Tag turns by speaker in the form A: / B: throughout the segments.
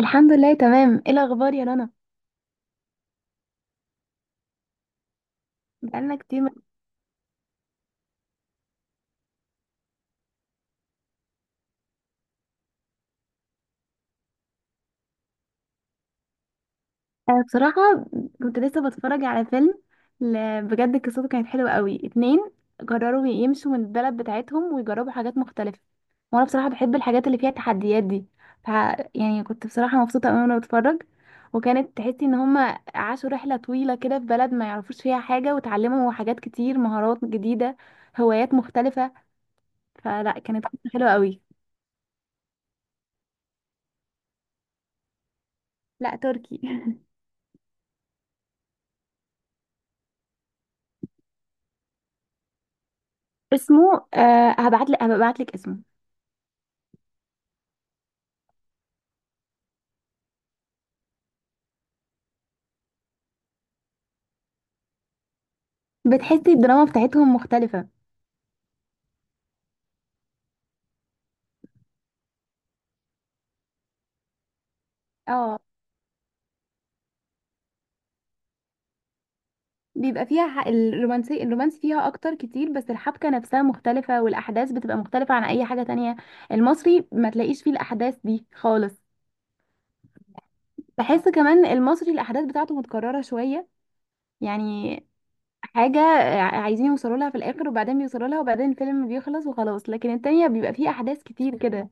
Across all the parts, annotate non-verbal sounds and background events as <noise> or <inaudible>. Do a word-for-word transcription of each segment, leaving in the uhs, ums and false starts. A: الحمد لله، تمام. ايه الاخبار يا رنا؟ بقالنا كتير ما- أنا بصراحه كنت لسه بتفرج على فيلم. ل- بجد قصته كانت حلوه قوي. اتنين قرروا يمشوا من البلد بتاعتهم ويجربوا حاجات مختلفه، وانا بصراحه بحب الحاجات اللي فيها تحديات دي. ف يعني كنت بصراحه مبسوطه قوي وانا بتفرج، وكانت تحسي ان هما عاشوا رحله طويله كده في بلد ما يعرفوش فيها حاجه، وتعلموا حاجات كتير، مهارات جديده، هوايات مختلفه. فلا، كانت قصة حلوه قوي. لا، تركي. <laughs> اسمه آه هبعت لك، هبعت لك اسمه. بتحسي الدراما بتاعتهم مختلفة. اه، بيبقى فيها ح- الرومانسي الرومانس فيها اكتر كتير، بس الحبكة نفسها مختلفة، والاحداث بتبقى مختلفة عن اي حاجة تانية. المصري ما تلاقيش فيه الاحداث دي خالص. بحس كمان المصري الاحداث بتاعته متكررة شوية. يعني حاجة ع- عايزين يوصلوا لها في الاخر، وبعدين بيوصلوا لها، وبعدين الفيلم بيخلص وخلاص، لكن التانية بيبقى فيه احداث كتير كده.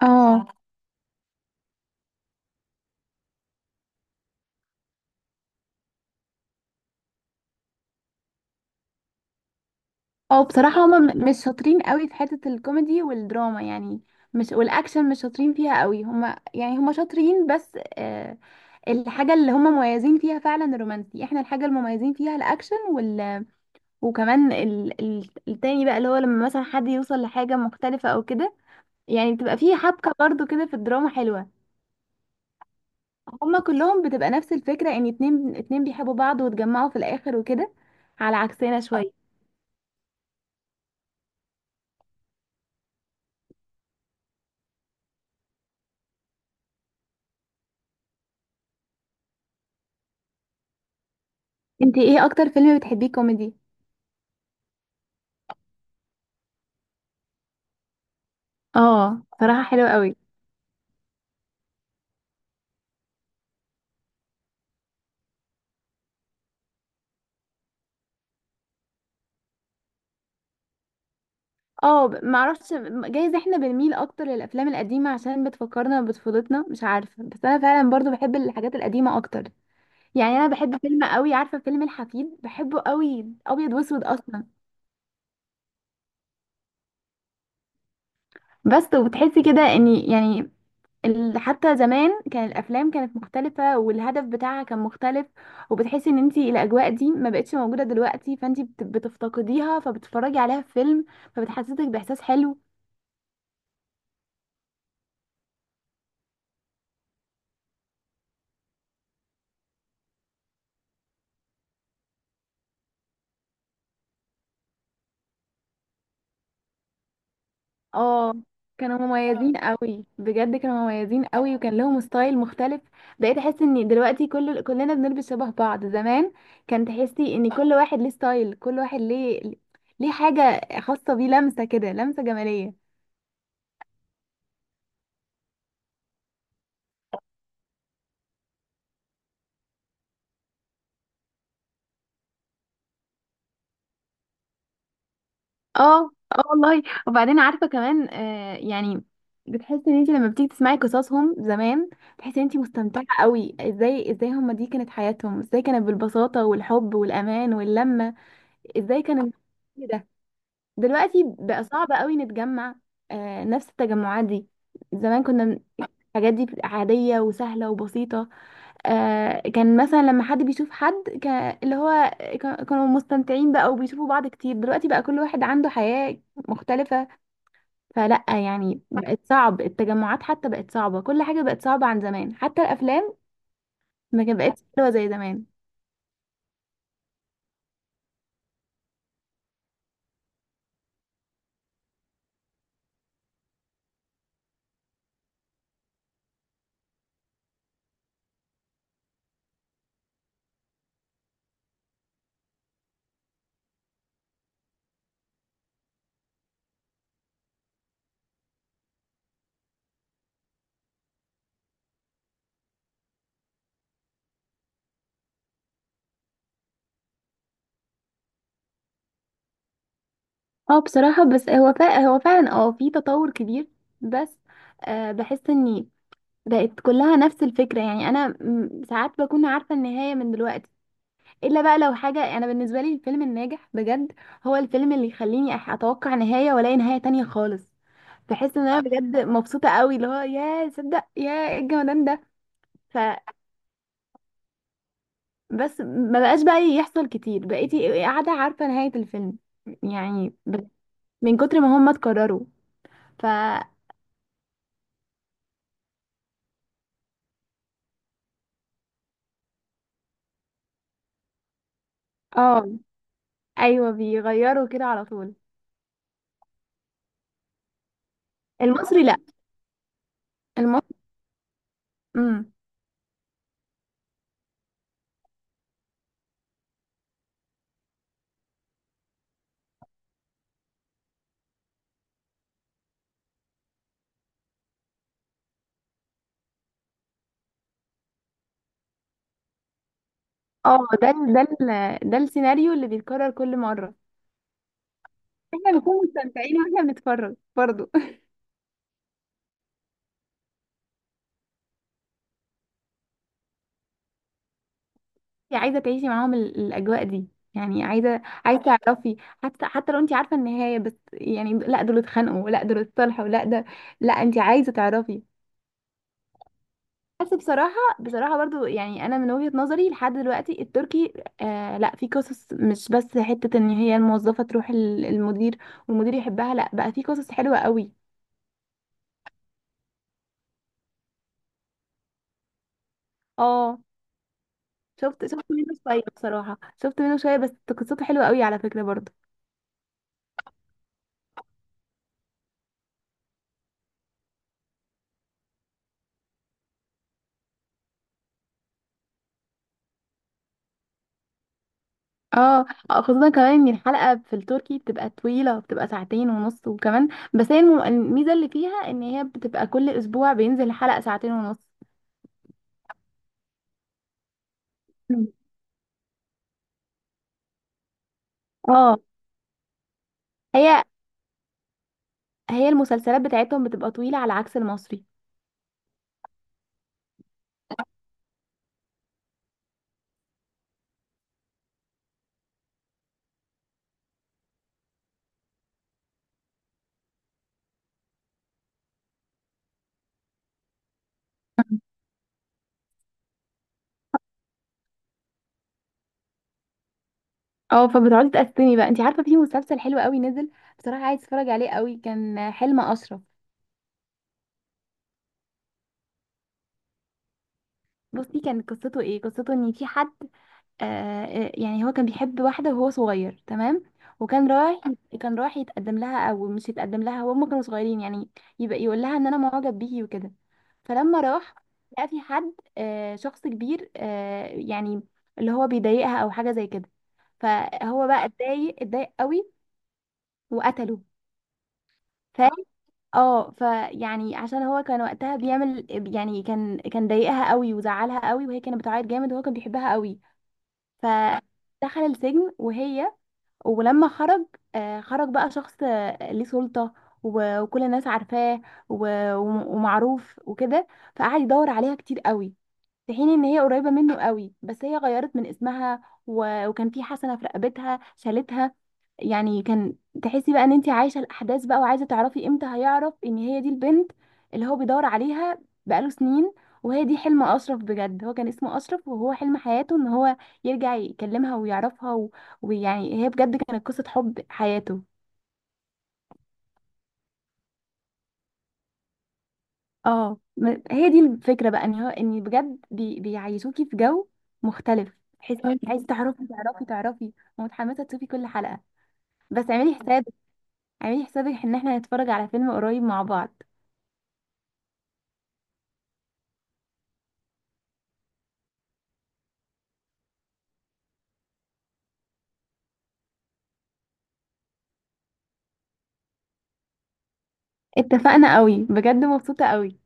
A: اه، او بصراحة هما م- مش شاطرين قوي في حتة الكوميدي والدراما، يعني مش. والاكشن مش شاطرين فيها قوي، هما يعني هما شاطرين بس. آه الحاجة اللي هما مميزين فيها فعلا الرومانسي، احنا الحاجة المميزين فيها الاكشن، وال وكمان ال... ال... التاني بقى اللي هو لما مثلا حد يوصل لحاجة مختلفة او كده. يعني بتبقى فيه حبكة برضو كده في الدراما حلوة. هما كلهم بتبقى نفس الفكرة، ان اتنين اتنين بيحبوا بعض واتجمعوا في الاخر وكده، على عكسنا شوية. انت ايه اكتر فيلم بتحبيه كوميدي؟ اه، صراحة حلوة قوي. اه، ب- معرفش. جايز احنا بنميل اكتر للافلام القديمة عشان بتفكرنا بطفولتنا، مش عارفة، بس انا فعلا برضو بحب الحاجات القديمة اكتر. يعني انا بحب فيلم قوي، عارفة فيلم الحفيد؟ بحبه قوي، ابيض واسود اصلا. بس وبتحسي كده ان يعني ال- حتى زمان كان الافلام كانت مختلفة، والهدف بتاعها كان مختلف. وبتحسي ان انتي الاجواء دي ما بقتش موجودة دلوقتي، فانتي بت- بتفتقديها، فبتتفرجي عليها في فيلم، فبتحسسك باحساس حلو. اه، كانوا مميزين قوي، بجد كانوا مميزين قوي، وكان لهم ستايل مختلف. بقيت احس ان دلوقتي كل كلنا بنلبس شبه بعض. زمان كان تحسي ان كل واحد ليه ستايل، كل واحد ليه، ليه حاجة خاصة بيه، لمسة كده، لمسة جمالية. اه، اه والله. وبعدين عارفة كمان، آه يعني بتحسي ان انت لما بتيجي تسمعي قصصهم زمان بتحسي ان انت مستمتعة قوي. ازاي ازاي هما دي كانت حياتهم؟ ازاي كانت بالبساطة والحب والامان واللمة؟ ازاي كانت كده. دلوقتي بقى صعب قوي نتجمع. آه نفس التجمعات دي، زمان كنا م- الحاجات دي عادية وسهلة وبسيطة. آه كان مثلا لما حد بيشوف حد ك... اللي هو ك... كانوا مستمتعين بقى، وبيشوفوا بعض كتير. دلوقتي بقى كل واحد عنده حياة مختلفة. فلأ يعني بقت صعب التجمعات، حتى بقت صعبة. كل حاجة بقت صعبة عن زمان، حتى الأفلام ما كان- بقتش حلوة زي زمان. اه بصراحة، بس هو فا... هو فعلا اه في تطور كبير، بس آه بحس اني بقت كلها نفس الفكرة. يعني أنا م- ساعات بكون عارفة النهاية من دلوقتي، إلا بقى لو حاجة. أنا بالنسبة لي الفيلم الناجح بجد هو الفيلم اللي يخليني أح- أتوقع نهاية وألاقي نهاية تانية خالص. بحس إن أنا بجد مبسوطة قوي، اللي هو يا صدق يا إيه الجمدان ده. فبس ما بقاش بقى يحصل كتير، بقيتي قاعدة عارفة نهاية الفيلم. يعني ب- من كتر ما هم اتكرروا. ف اه أيوه، بيغيروا كده على طول. المصري لأ، المصري. اه ده ال- ده ال- ده السيناريو اللي بيتكرر كل مرة. احنا بنكون مستمتعين واحنا بنتفرج برضه. <laughs> انت عايزة تعيشي معاهم ال- الأجواء دي. يعني عايزة، عايزة تعرفي. حتى حتى لو انت عارفة النهاية، بس يعني لا، دول اتخانقوا، ولا دول اتصالحوا، ولا ده. لا، انت عايزة تعرفي. بس بصراحة، بصراحة برضو يعني أنا من وجهة نظري لحد دلوقتي التركي آه لا، في قصص مش بس حتة إن هي الموظفة تروح ال- المدير والمدير يحبها، لا بقى في قصص حلوة قوي. اه، شفت شفت منه شويه، بصراحه شفت منه شويه بس. قصته حلوه قوي على فكره برضه. اه، آه، خصوصا كمان ان الحلقه في التركي بتبقى طويله، بتبقى ساعتين ونص وكمان. بس هي الم- الميزه اللي فيها ان هي بتبقى كل اسبوع بينزل حلقه ساعتين ونص. مم. اه، هي هي المسلسلات بتاعتهم بتبقى طويله على عكس المصري. مم. اه، فبتقعدي تقسمي بقى. انت عارفه في مسلسل حلو قوي نزل؟ بصراحه عايز اتفرج عليه قوي، كان حلم اشرف. بصي، كان قصته ايه؟ قصته ان في حد، آه، آه، يعني هو كان بيحب واحدة وهو صغير تمام. وكان رايح كان رايح يتقدم لها او مش يتقدم لها، وهم كانوا صغيرين، يعني يبقى يقول لها ان انا معجب بيكي وكده. فلما راح لقى في حد، آه، شخص كبير، آه، يعني اللي هو بيضايقها او حاجة زي كده، فهو بقى اتضايق اتضايق قوي وقتله. ف اه، فيعني عشان هو كان وقتها بيعمل، يعني كان كان ضايقها قوي وزعلها قوي، وهي كانت بتعيط جامد، وهو كان بيحبها قوي. ف دخل السجن وهي، ولما خرج، آه، خرج بقى شخص آه، ليه سلطة، و- وكل الناس عارفاه، و- وم- ومعروف وكده. فقعد يدور عليها كتير قوي، في حين ان هي قريبه منه قوي، بس هي غيرت من اسمها و... وكان في حسنه في رقبتها شالتها. يعني كان تحسي بقى ان انت عايشه الاحداث بقى، وعايزه تعرفي امتى هيعرف ان هي دي البنت اللي هو بيدور عليها بقاله سنين. وهي دي حلم اشرف، بجد. هو كان اسمه اشرف، وهو حلم حياته ان هو يرجع يكلمها ويعرفها و... ويعني هي بجد كانت قصه حب حياته. اه، م- هي دي الفكرة، بقى ان هو ان بجد بي بيعيشوكي في جو مختلف، تحس حلو. عايز تعرفي، تعرفي، تعرفي، ومتحمسة تشوفي كل حلقة. بس اعملي حسابك، اعملي حسابك ان احنا هنتفرج على فيلم قريب مع بعض. اتفقنا قوي، بجد مبسوطة قوي.